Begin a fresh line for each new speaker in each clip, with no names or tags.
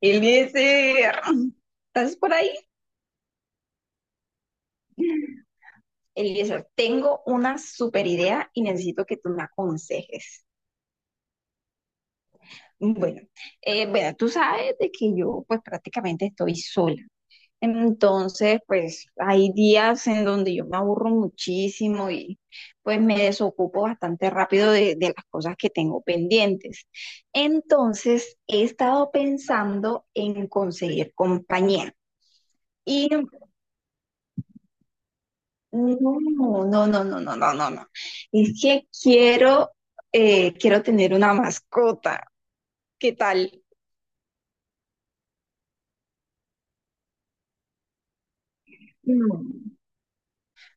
Eliezer, ¿estás por ahí? Eliezer, tengo una super idea y necesito que tú me aconsejes. Bueno, bueno, tú sabes de que yo pues prácticamente estoy sola. Entonces, pues hay días en donde yo me aburro muchísimo y pues me desocupo bastante rápido de las cosas que tengo pendientes. Entonces, he estado pensando en conseguir compañía. Y no, no, no, no, no, no, no, no. Es que quiero, quiero tener una mascota. ¿Qué tal? No,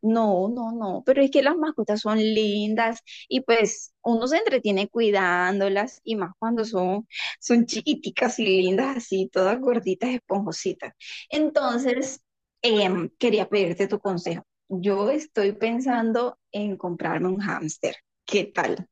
no, no, no, pero es que las mascotas son lindas y pues uno se entretiene cuidándolas y más cuando son chiquiticas y lindas así, todas gorditas, esponjositas. Entonces, quería pedirte tu consejo. Yo estoy pensando en comprarme un hámster. ¿Qué tal?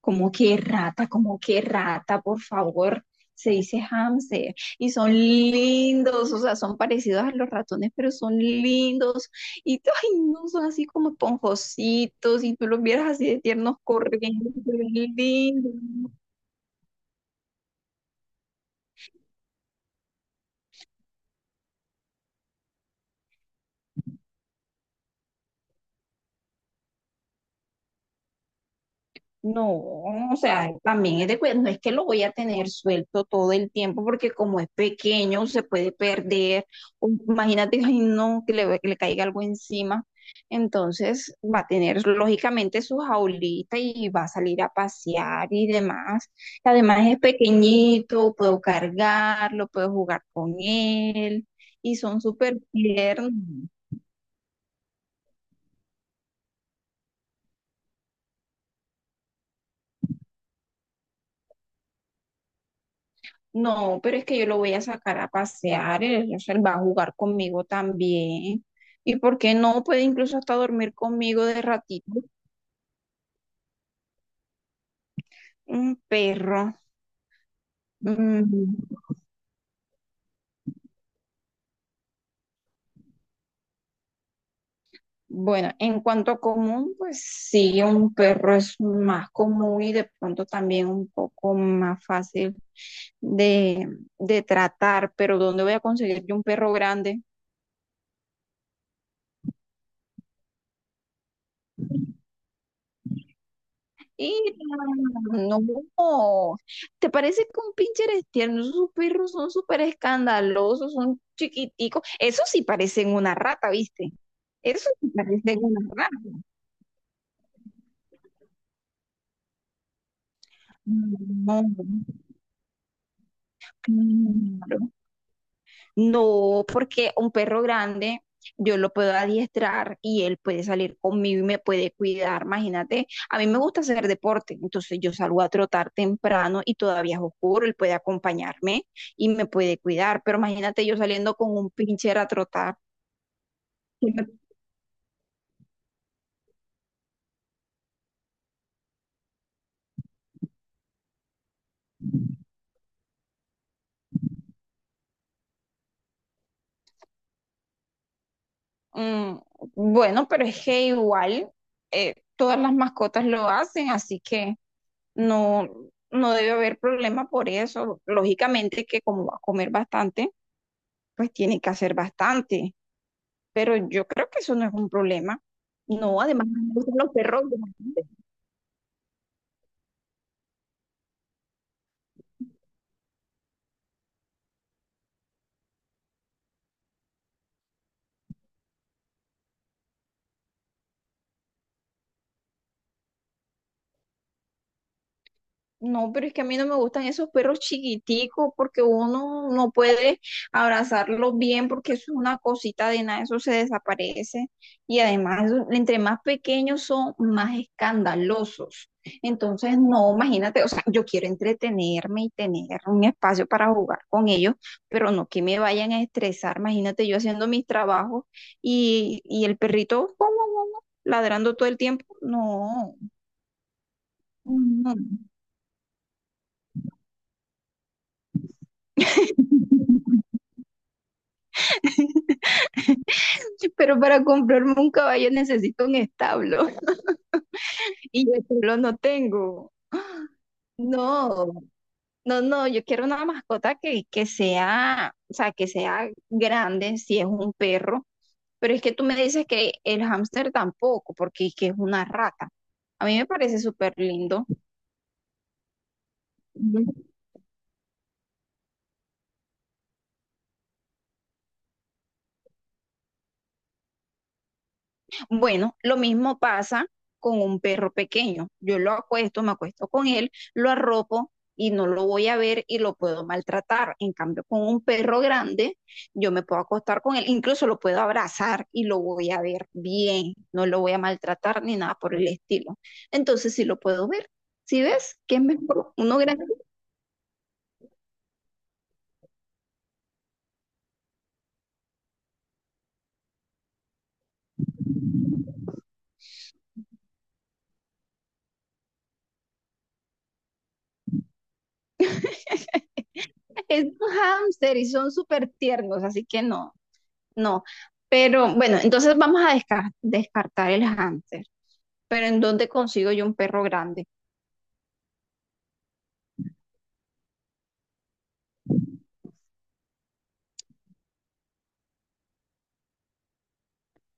Como que rata, por favor. Se dice hamster y son lindos, o sea, son parecidos a los ratones, pero son lindos y ay, no son así como esponjositos y tú los vieras así de tiernos corriendo, se ven lindos. No, o sea, también es de cuidado, no es que lo voy a tener suelto todo el tiempo porque como es pequeño se puede perder, o imagínate, ay no, que le caiga algo encima, entonces va a tener lógicamente su jaulita y va a salir a pasear y demás. Además es pequeñito, puedo cargarlo, puedo jugar con él y son súper tiernos. No, pero es que yo lo voy a sacar a pasear, él, o sea, él va a jugar conmigo también. ¿Y por qué no? Puede incluso hasta dormir conmigo de ratito. Un perro. Mm. Bueno, en cuanto a común, pues sí, un perro es más común y de pronto también un poco más fácil de, de tratar, pero ¿dónde voy a conseguir yo un perro grande? Y no, ¿te parece que un pincher es tierno? Esos perros son súper escandalosos, son chiquiticos. Eso sí parecen una rata, ¿viste? Eso sí parecen una rata. No, claro. No, porque un perro grande yo lo puedo adiestrar y él puede salir conmigo y me puede cuidar. Imagínate, a mí me gusta hacer deporte, entonces yo salgo a trotar temprano y todavía es oscuro, él puede acompañarme y me puede cuidar, pero imagínate yo saliendo con un pincher a trotar. que me- Mm, bueno, pero es que igual todas las mascotas lo hacen, así que no, no debe haber problema por eso. Lógicamente que como va a comer bastante. Pues tiene que hacer bastante, pero yo creo que eso no es un problema. No, además a mí me gustan los perros bastante. No, pero es que a mí no me gustan esos perros chiquiticos porque uno no puede abrazarlos bien porque eso es una cosita de nada, eso se desaparece. Y además, entre más pequeños son, más escandalosos. Entonces, no, imagínate, o sea, yo quiero entretenerme y tener un espacio para jugar con ellos, pero no que me vayan a estresar. Imagínate yo haciendo mis trabajos y el perrito guau, guau, guau, guau, ladrando todo el tiempo. No, no, no. Pero para comprarme un caballo necesito un establo y yo solo no tengo. No, no, no, yo quiero una mascota que sea, o sea, que sea grande si es un perro, pero es que tú me dices que el hámster tampoco, porque es que es una rata. A mí me parece súper lindo. Bueno, lo mismo pasa con un perro pequeño. Yo lo acuesto, me acuesto con él, lo arropo y no lo voy a ver y lo puedo maltratar. En cambio, con un perro grande, yo me puedo acostar con él, incluso lo puedo abrazar y lo voy a ver bien, no lo voy a maltratar ni nada por el estilo. Entonces, sí lo puedo ver. ¿Sí ves? ¿Qué es mejor? Uno grande. Es un hámster y son súper tiernos, así que no, no. Pero bueno, entonces vamos a descartar el hámster. Pero ¿en dónde consigo yo un perro grande?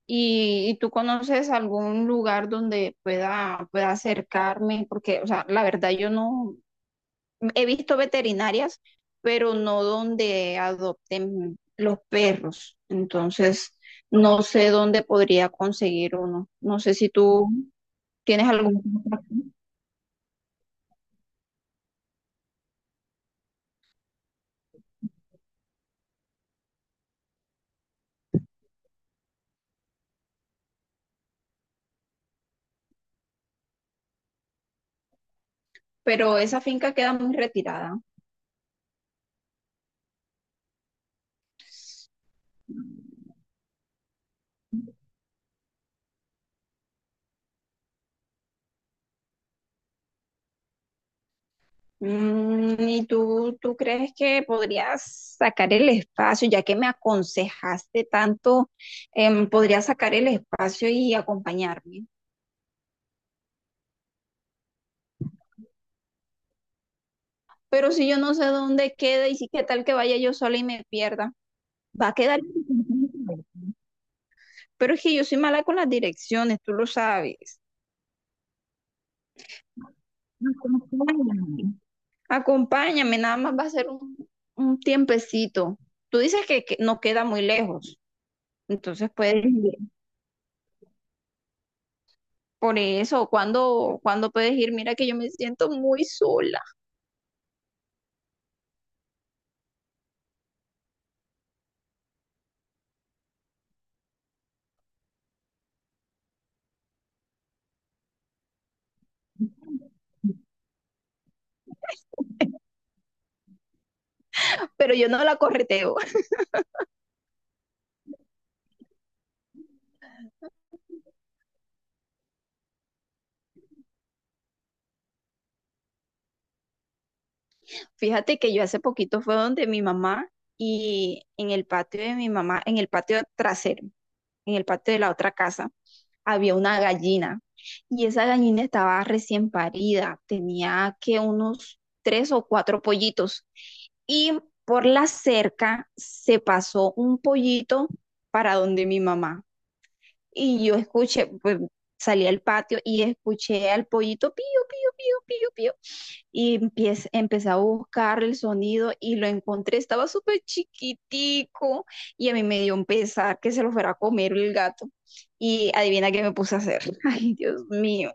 Y tú conoces algún lugar donde pueda acercarme? Porque, o sea, la verdad yo no he visto veterinarias, pero no donde adopten los perros. Entonces, no sé dónde podría conseguir uno. No sé si tú tienes algún contacto, pero esa finca queda muy retirada. Mm, ¿y tú crees que podrías sacar el espacio, ya que me aconsejaste tanto, podrías sacar el espacio y acompañarme? Pero si yo no sé dónde queda y si qué tal que vaya yo sola y me pierda, va a quedar. Pero es que yo soy mala con las direcciones, tú lo sabes. Acompáñame. Acompáñame, nada más va a ser un tiempecito. Tú dices que no queda muy lejos, entonces puedes. Por eso, cuando puedes ir, mira que yo me siento muy sola, pero yo no la correteo. Fíjate que yo hace poquito fue donde mi mamá y en el patio de mi mamá, en el patio trasero, en el patio de la otra casa, había una gallina y esa gallina estaba recién parida, tenía que unos tres o cuatro pollitos y por la cerca se pasó un pollito para donde mi mamá. Y yo escuché, pues salí al patio y escuché al pollito pío, pío, pío, pío, pío. Y empiez empecé a buscar el sonido y lo encontré. Estaba súper chiquitico y a mí me dio un pesar que se lo fuera a comer el gato. Y adivina qué me puse a hacer. Ay, Dios mío.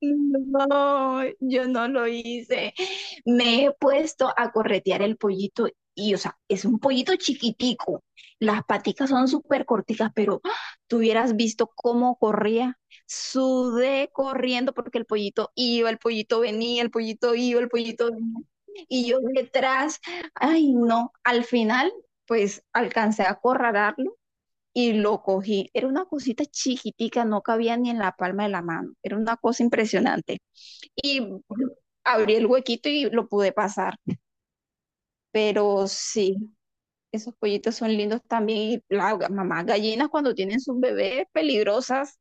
No, yo no lo hice. Me he puesto a corretear el pollito y, o sea, es un pollito chiquitico. Las paticas son súper corticas, pero ¡ah! Tú hubieras visto cómo corría. Sudé corriendo porque el pollito iba, el pollito venía, el pollito iba, el pollito venía. Y yo detrás, ay no, al final pues alcancé a acorralarlo y lo cogí. Era una cosita chiquitica, no cabía ni en la palma de la mano. Era una cosa impresionante. Y abrí el huequito y lo pude pasar. Pero sí, esos pollitos son lindos también. Y las mamás gallinas cuando tienen sus bebés peligrosas,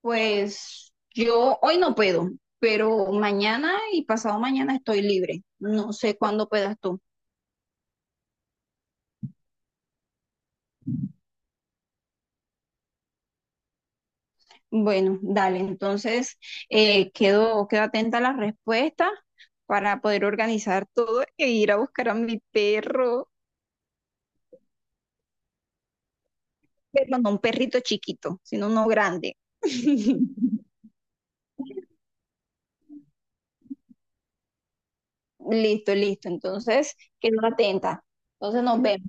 pues yo hoy no puedo, pero mañana y pasado mañana estoy libre. No sé cuándo puedas tú. Bueno, dale, entonces quedo atenta a las respuestas para poder organizar todo e ir a buscar a mi perro, pero no un perrito chiquito, sino uno grande. Listo, listo, entonces quedo atenta. Entonces nos vemos.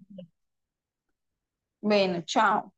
Bueno, chao.